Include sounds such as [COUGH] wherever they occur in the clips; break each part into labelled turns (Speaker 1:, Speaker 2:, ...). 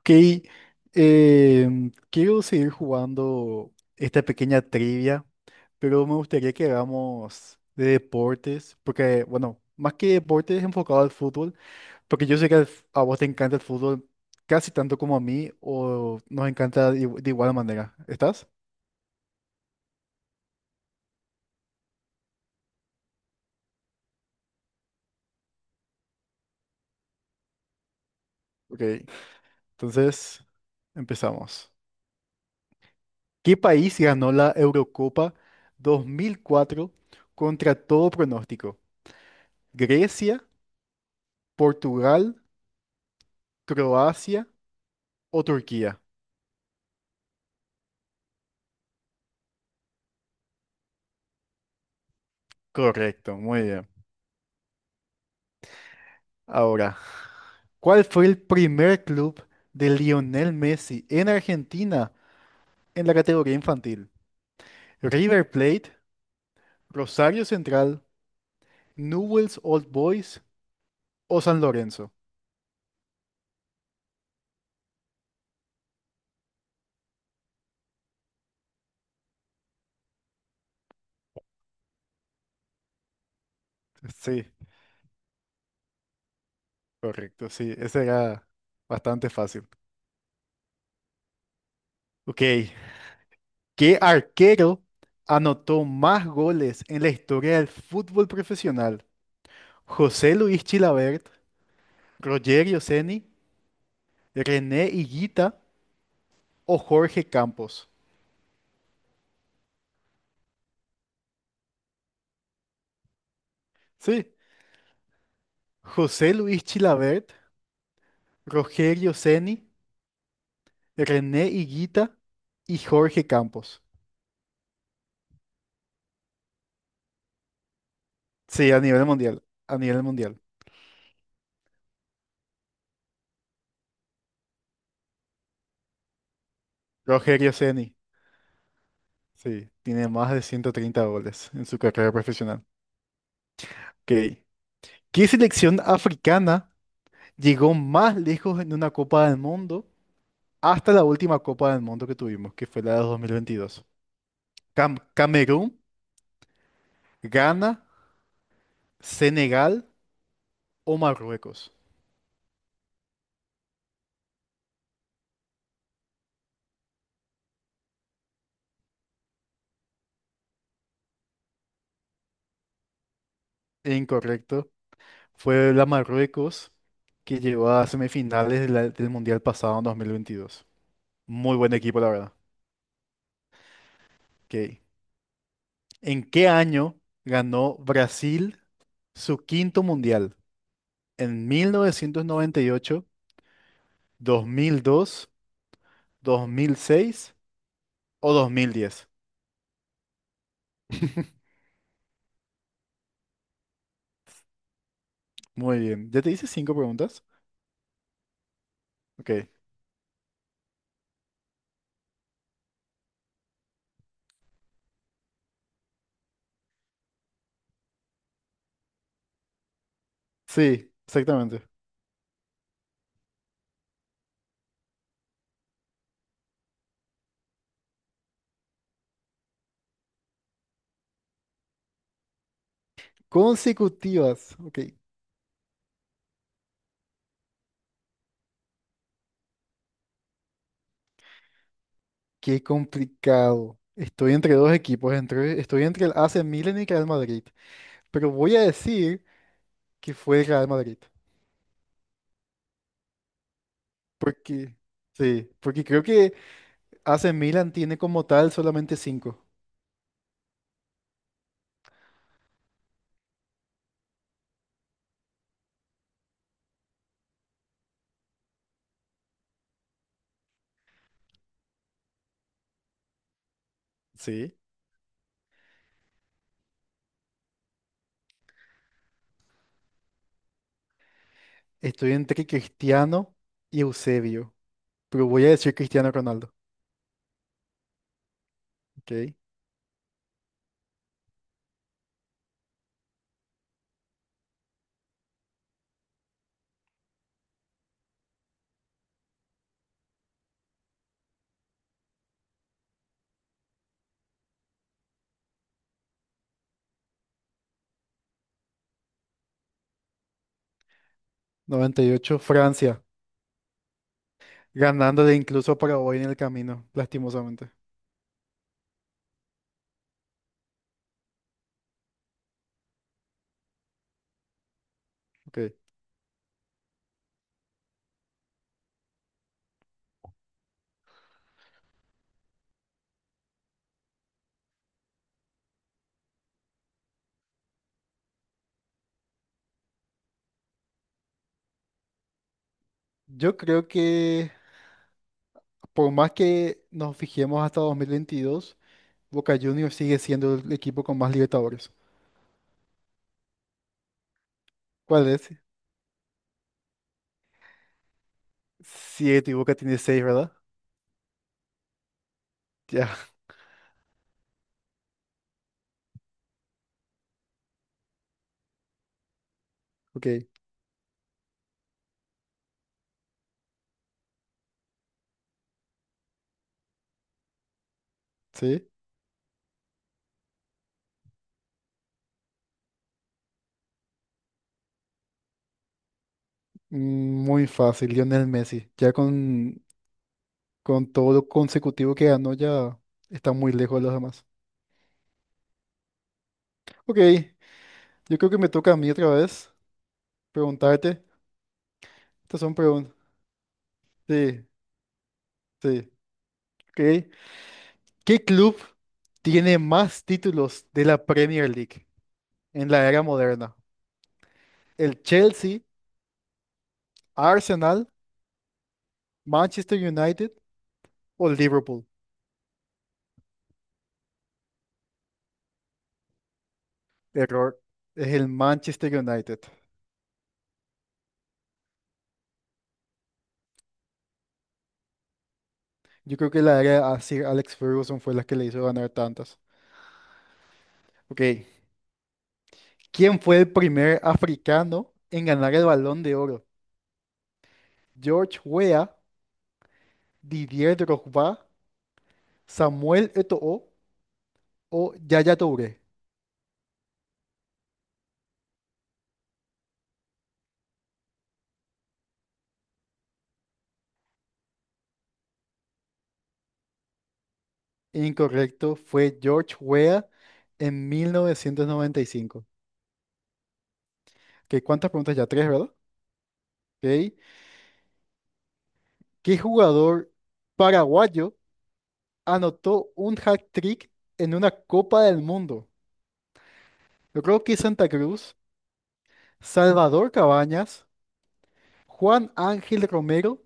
Speaker 1: Ok, quiero seguir jugando esta pequeña trivia, pero me gustaría que hagamos de deportes, porque, bueno, más que deportes enfocado al fútbol, porque yo sé que a vos te encanta el fútbol casi tanto como a mí, o nos encanta de igual manera. ¿Estás? Ok, entonces empezamos. ¿Qué país ganó la Eurocopa 2004 contra todo pronóstico? ¿Grecia? ¿Portugal? ¿Croacia? ¿O Turquía? Correcto, muy bien. Ahora, ¿cuál fue el primer club de Lionel Messi en Argentina en la categoría infantil? ¿River Plate, Rosario Central, Newell's Old Boys o San Lorenzo? Sí, correcto, sí, ese era bastante fácil. Ok, ¿qué arquero anotó más goles en la historia del fútbol profesional? ¿José Luis Chilabert, Rogerio Ceni, René Higuita o Jorge Campos? Sí, José Luis Chilavert, Rogerio Ceni, René Higuita y Jorge Campos. Sí, a nivel mundial, a nivel mundial. Rogerio Ceni, sí, tiene más de 130 goles en su carrera profesional. Ok. ¿Qué selección africana llegó más lejos en una Copa del Mundo hasta la última Copa del Mundo que tuvimos, que fue la de 2022? Camerún, Ghana, Senegal o Marruecos. Incorrecto. Fue la Marruecos que llegó a semifinales del Mundial pasado en 2022. Muy buen equipo, la verdad. Ok. ¿En qué año ganó Brasil su quinto Mundial? ¿En mil novecientos noventa y ocho, 2002, 2006 o 2010? [LAUGHS] Muy bien. ¿Ya te hice cinco preguntas? Ok. Sí, exactamente. Consecutivas. Ok. Qué complicado. Estoy entre dos equipos. Estoy entre el AC Milan y el Real Madrid. Pero voy a decir que fue el Real Madrid. Porque, sí, porque creo que AC Milan tiene como tal solamente cinco. Sí. Estoy entre Cristiano y Eusebio, pero voy a decir Cristiano Ronaldo. Ok. Noventa y ocho, Francia, ganándole incluso para hoy en el camino, lastimosamente. Ok. Yo creo que por más que nos fijemos hasta 2022, Boca Juniors sigue siendo el equipo con más Libertadores. ¿Cuál es? Siete, y Boca tiene seis, ¿verdad? Ya, ok, sí. Muy fácil, Lionel Messi. Ya con todo lo consecutivo que ganó, ya está muy lejos de los demás. Ok, yo creo que me toca a mí otra vez preguntarte. Estas son preguntas. Sí, sí. Ok. ¿Qué club tiene más títulos de la Premier League en la era moderna? ¿El Chelsea, Arsenal, Manchester United o Liverpool? Error. Es el Manchester United. Yo creo que la era a Sir Alex Ferguson fue la que le hizo ganar tantas. Ok, ¿quién fue el primer africano en ganar el Balón de Oro? ¿George Weah, Didier Drogba, Samuel Eto'o o Yaya Touré? Incorrecto, fue George Weah en 1995. Ok, ¿cuántas preguntas ya? Tres, ¿verdad? Ok, ¿qué jugador paraguayo anotó un hat-trick en una Copa del Mundo? Yo creo que Santa Cruz, Salvador Cabañas, Juan Ángel Romero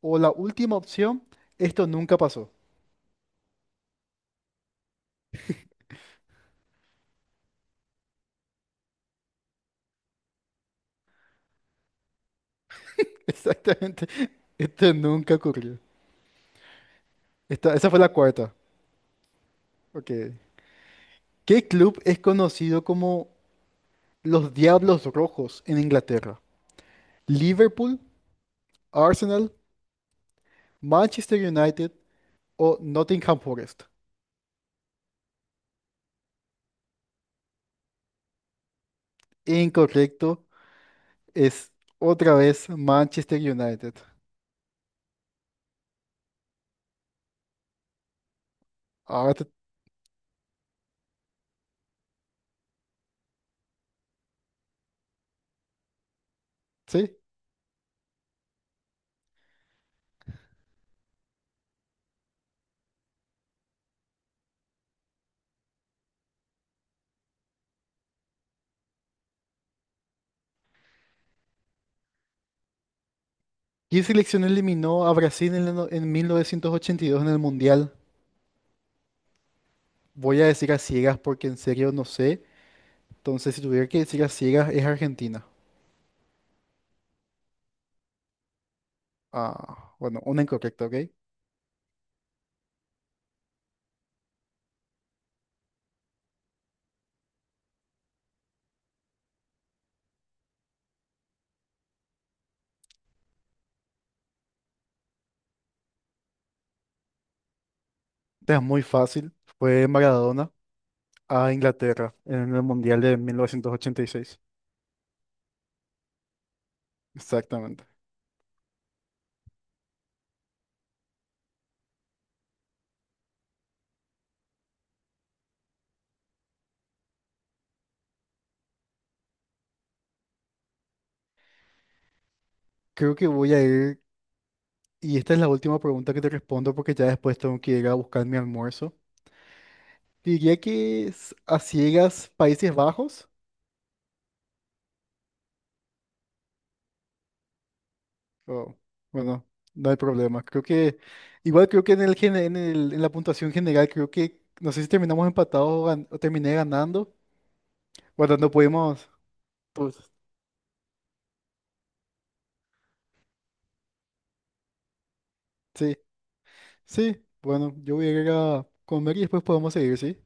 Speaker 1: o la última opción, esto nunca pasó. [LAUGHS] Exactamente, esto nunca ocurrió. Esa fue la cuarta. Ok. ¿Qué club es conocido como los Diablos Rojos en Inglaterra? ¿Liverpool, Arsenal, Manchester United o Nottingham Forest? Incorrecto, es otra vez Manchester United. Ahora te- sí. ¿Qué selección eliminó a Brasil en, el no- en 1982 en el Mundial? Voy a decir a ciegas porque en serio no sé. Entonces, si tuviera que decir a ciegas, es Argentina. Ah, bueno, una incorrecta, ¿ok? Esta es muy fácil. Fue Maradona a Inglaterra en el Mundial de 1986. Exactamente. Creo que voy a ir, y esta es la última pregunta que te respondo porque ya después tengo que ir a buscar mi almuerzo. Diría que es a ciegas Países Bajos. Oh, bueno, no hay problema. Igual creo que en el, gene- en el- en la puntuación general, creo que, no sé si terminamos empatados o terminé ganando. Bueno, no pudimos. Pues, sí, sí, bueno, yo voy a ir a comer y después podemos seguir, ¿sí?